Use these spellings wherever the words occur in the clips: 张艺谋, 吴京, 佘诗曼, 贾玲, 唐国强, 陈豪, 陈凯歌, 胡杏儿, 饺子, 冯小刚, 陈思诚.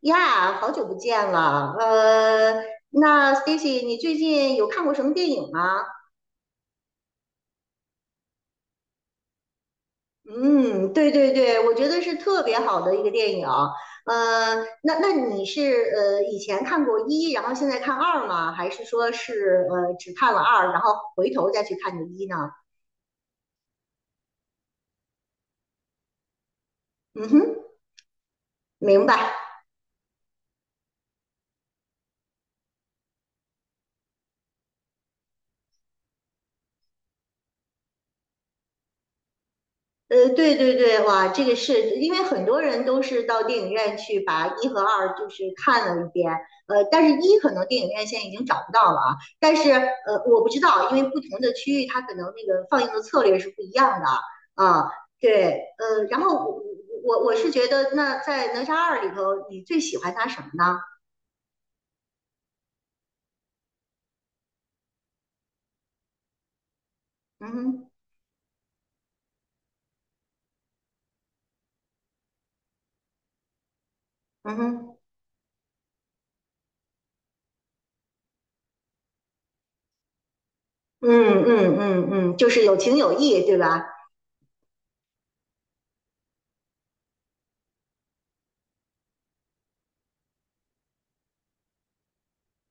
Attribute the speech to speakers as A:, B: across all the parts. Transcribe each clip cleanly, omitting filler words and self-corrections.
A: 呀，好久不见了。那 Stacy，你最近有看过什么电影吗？嗯，对对对，我觉得是特别好的一个电影。呃，那你是以前看过一，然后现在看二吗？还是说是只看了二，然后回头再去看的一呢？嗯哼，明白。对对对，哇，这个是因为很多人都是到电影院去把一和二就是看了一遍，但是一可能电影院现在已经找不到了啊，但是我不知道，因为不同的区域它可能那个放映的策略是不一样的啊。对，然后我是觉得那在哪吒二里头，你最喜欢它什么呢？嗯哼，嗯哼，嗯嗯嗯嗯，就是有情有义，对吧？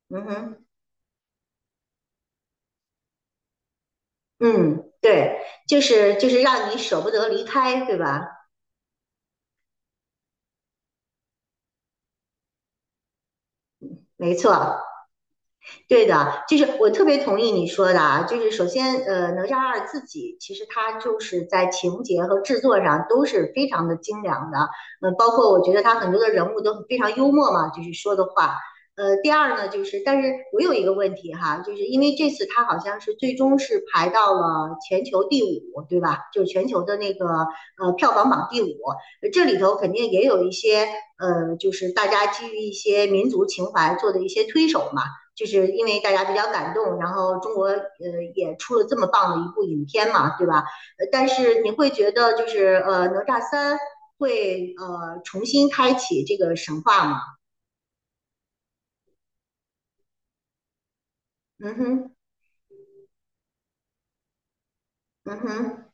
A: 嗯哼。嗯，对，就是就是让你舍不得离开，对吧？没错，对的，就是我特别同意你说的啊。就是首先，哪吒二自己其实它就是在情节和制作上都是非常的精良的，包括我觉得它很多的人物都非常幽默嘛，就是说的话。第二呢，就是但是我有一个问题哈，就是因为这次它好像是最终是排到了全球第五，对吧？就是全球的那个票房榜第五，这里头肯定也有一些，就是大家基于一些民族情怀做的一些推手嘛。就是因为大家比较感动，然后中国也出了这么棒的一部影片嘛，对吧？但是你会觉得就是哪吒三会重新开启这个神话吗？嗯哼，嗯哼。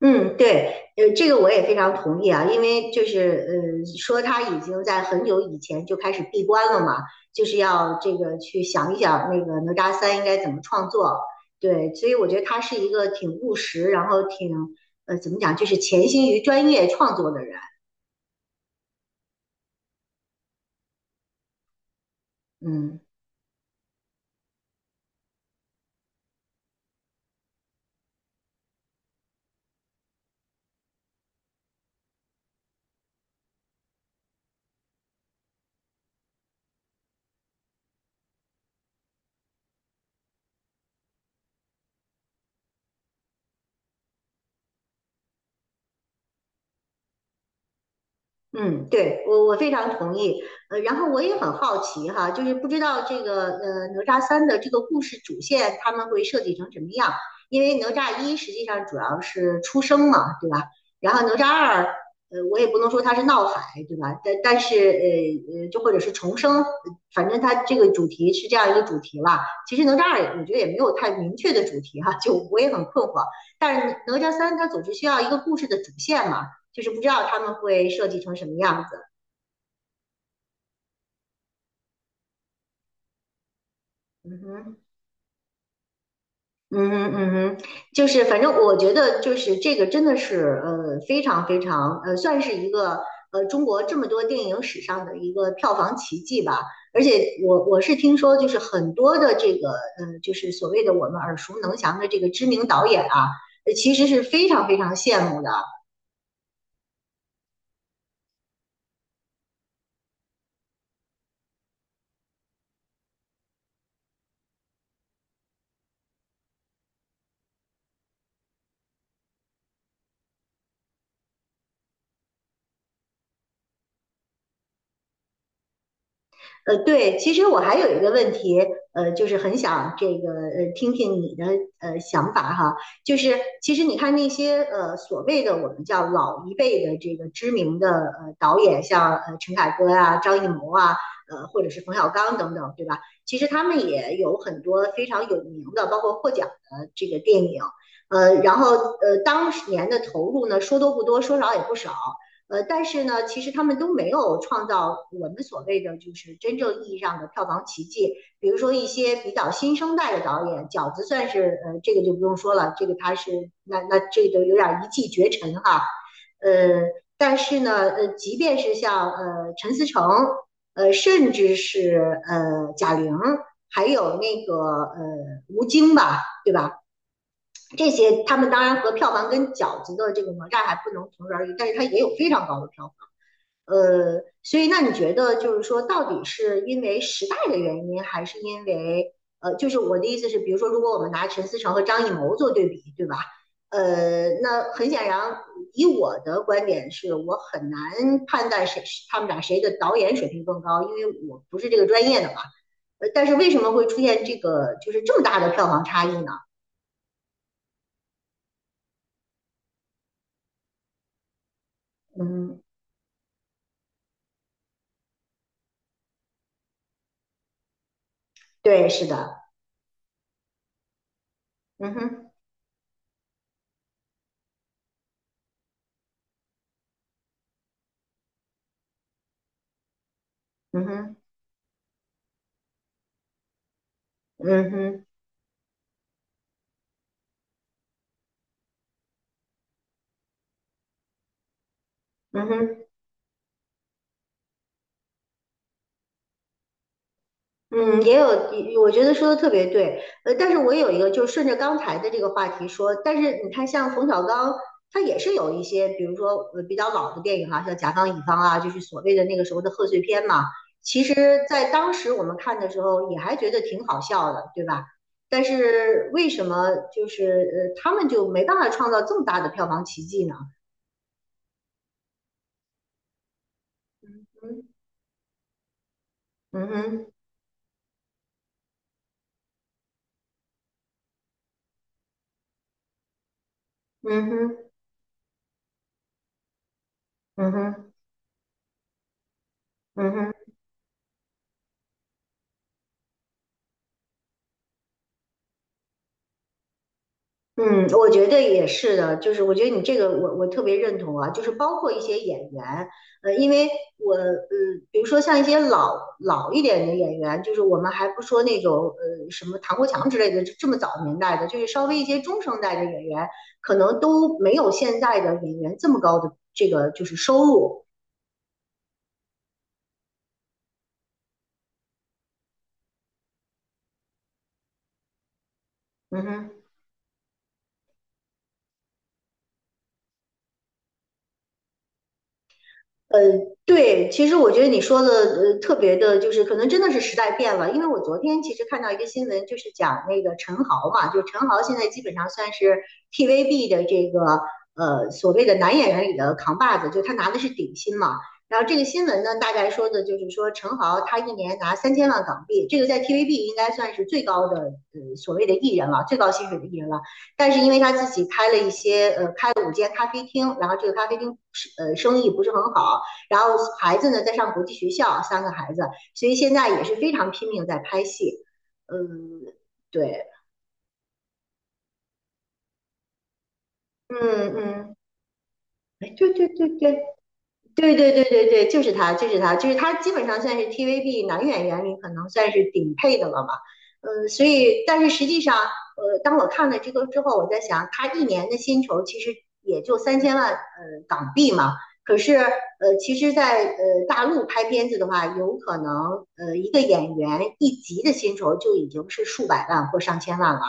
A: 嗯，对，这个我也非常同意啊。因为就是，说他已经在很久以前就开始闭关了嘛，就是要这个去想一想那个哪吒三应该怎么创作。对，所以我觉得他是一个挺务实，然后挺怎么讲，就是潜心于专业创作的人。嗯。嗯，对，我我非常同意。然后我也很好奇哈，就是不知道这个哪吒三的这个故事主线他们会设计成什么样？因为哪吒一实际上主要是出生嘛，对吧？然后哪吒二，我也不能说它是闹海，对吧？但是，就或者是重生。反正它这个主题是这样一个主题吧。其实哪吒二我觉得也没有太明确的主题哈，就我也很困惑。但是哪吒三它总是需要一个故事的主线嘛。就是不知道他们会设计成什么样子。嗯哼，嗯哼，嗯哼，就是反正我觉得就是这个真的是非常非常算是一个中国这么多电影史上的一个票房奇迹吧。而且我我是听说就是很多的这个就是所谓的我们耳熟能详的这个知名导演啊，其实是非常非常羡慕的。对，其实我还有一个问题，就是很想这个听听你的想法哈。就是其实你看那些所谓的我们叫老一辈的这个知名的导演，像陈凯歌啊、张艺谋啊，或者是冯小刚等等，对吧？其实他们也有很多非常有名的，包括获奖的这个电影，然后当年的投入呢，说多不多，说少也不少。但是呢，其实他们都没有创造我们所谓的就是真正意义上的票房奇迹。比如说一些比较新生代的导演，饺子算是，这个就不用说了，这个他是那这个有点一骑绝尘哈。呃，但是呢，即便是像陈思诚，甚至是贾玲，还有那个吴京吧，对吧？这些他们当然和票房跟饺子的这个哪吒还不能同日而语，但是它也有非常高的票。所以那你觉得就是说，到底是因为时代的原因，还是因为，就是我的意思是，比如说，如果我们拿陈思诚和张艺谋做对比，对吧？那很显然，以我的观点是，我很难判断谁是他们俩谁的导演水平更高，因为我不是这个专业的嘛。但是为什么会出现这个就是这么大的票房差异呢？嗯，对，是的，嗯哼，嗯哼，嗯哼，嗯哼。嗯，也有，我觉得说的特别对。但是我有一个，就顺着刚才的这个话题说，但是你看，像冯小刚，他也是有一些，比如说比较老的电影哈、像《甲方乙方》啊，就是所谓的那个时候的贺岁片嘛。其实，在当时我们看的时候，也还觉得挺好笑的，对吧？但是为什么就是他们就没办法创造这么大的票房奇迹呢？嗯哼，嗯哼，嗯哼，嗯哼，嗯哼。嗯，我觉得也是的，就是我觉得你这个我我特别认同啊，就是包括一些演员，因为我,比如说像一些老一点的演员，就是我们还不说那种什么唐国强之类的这么早年代的，就是稍微一些中生代的演员，可能都没有现在的演员这么高的这个就是收入。嗯哼。呃，对，其实我觉得你说的特别的，就是可能真的是时代变了。因为我昨天其实看到一个新闻，就是讲那个陈豪嘛，就陈豪现在基本上算是 TVB 的这个所谓的男演员里的扛把子，就他拿的是顶薪嘛。然后这个新闻呢，大概说的就是说陈豪他一年拿3000万港币，这个在 TVB 应该算是最高的所谓的艺人了，最高薪水的艺人了。但是因为他自己开了一些开了5间咖啡厅，然后这个咖啡厅是生意不是很好。然后孩子呢在上国际学校，3个孩子，所以现在也是非常拼命在拍戏。嗯，对，嗯嗯，哎，对对对对，对对对对对，就是他，就是他，就是他，基本上算是 TVB 男演员里可能算是顶配的了嘛。嗯，所以，但是实际上，当我看了这个之后，我在想，他一年的薪酬其实也就三千万，港币嘛。可是，其实在，大陆拍片子的话，有可能，一个演员一集的薪酬就已经是数百万或上千万了。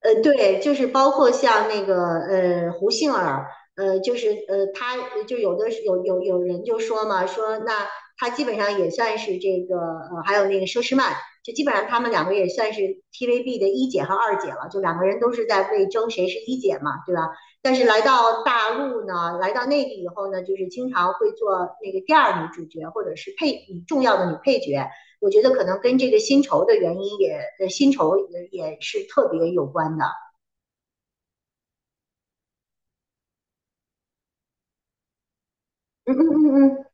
A: 对，就是包括像那个胡杏儿，就是她就有的有有有人就说嘛，说那她基本上也算是这个，还有那个佘诗曼，就基本上他们两个也算是 TVB 的一姐和二姐了，就两个人都是在为争谁是一姐嘛，对吧？但是来到大陆呢，来到内地以后呢，就是经常会做那个第二女主角或者是配重要的女配角，我觉得可能跟这个薪酬的原因，薪酬也也是特别有关的。嗯嗯嗯嗯，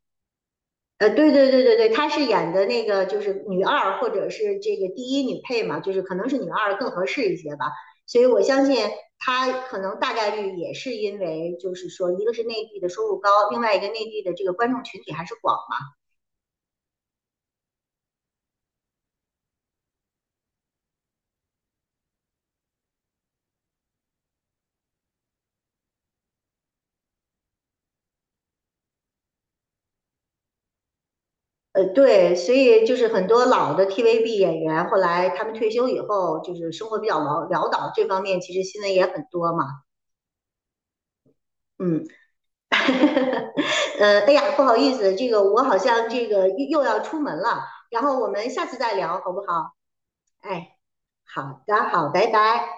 A: 对对对对对，她是演的那个就是女二或者是这个第一女配嘛，就是可能是女二更合适一些吧。所以我相信她可能大概率也是因为，就是说，一个是内地的收入高，另外一个内地的这个观众群体还是广嘛。对，所以就是很多老的 TVB 演员后来他们退休以后，就是生活比较潦倒，这方面其实新闻也很多嘛。嗯。 哎呀，不好意思，这个我好像这个又要出门了，然后我们下次再聊好不好？哎，好的，好，拜拜。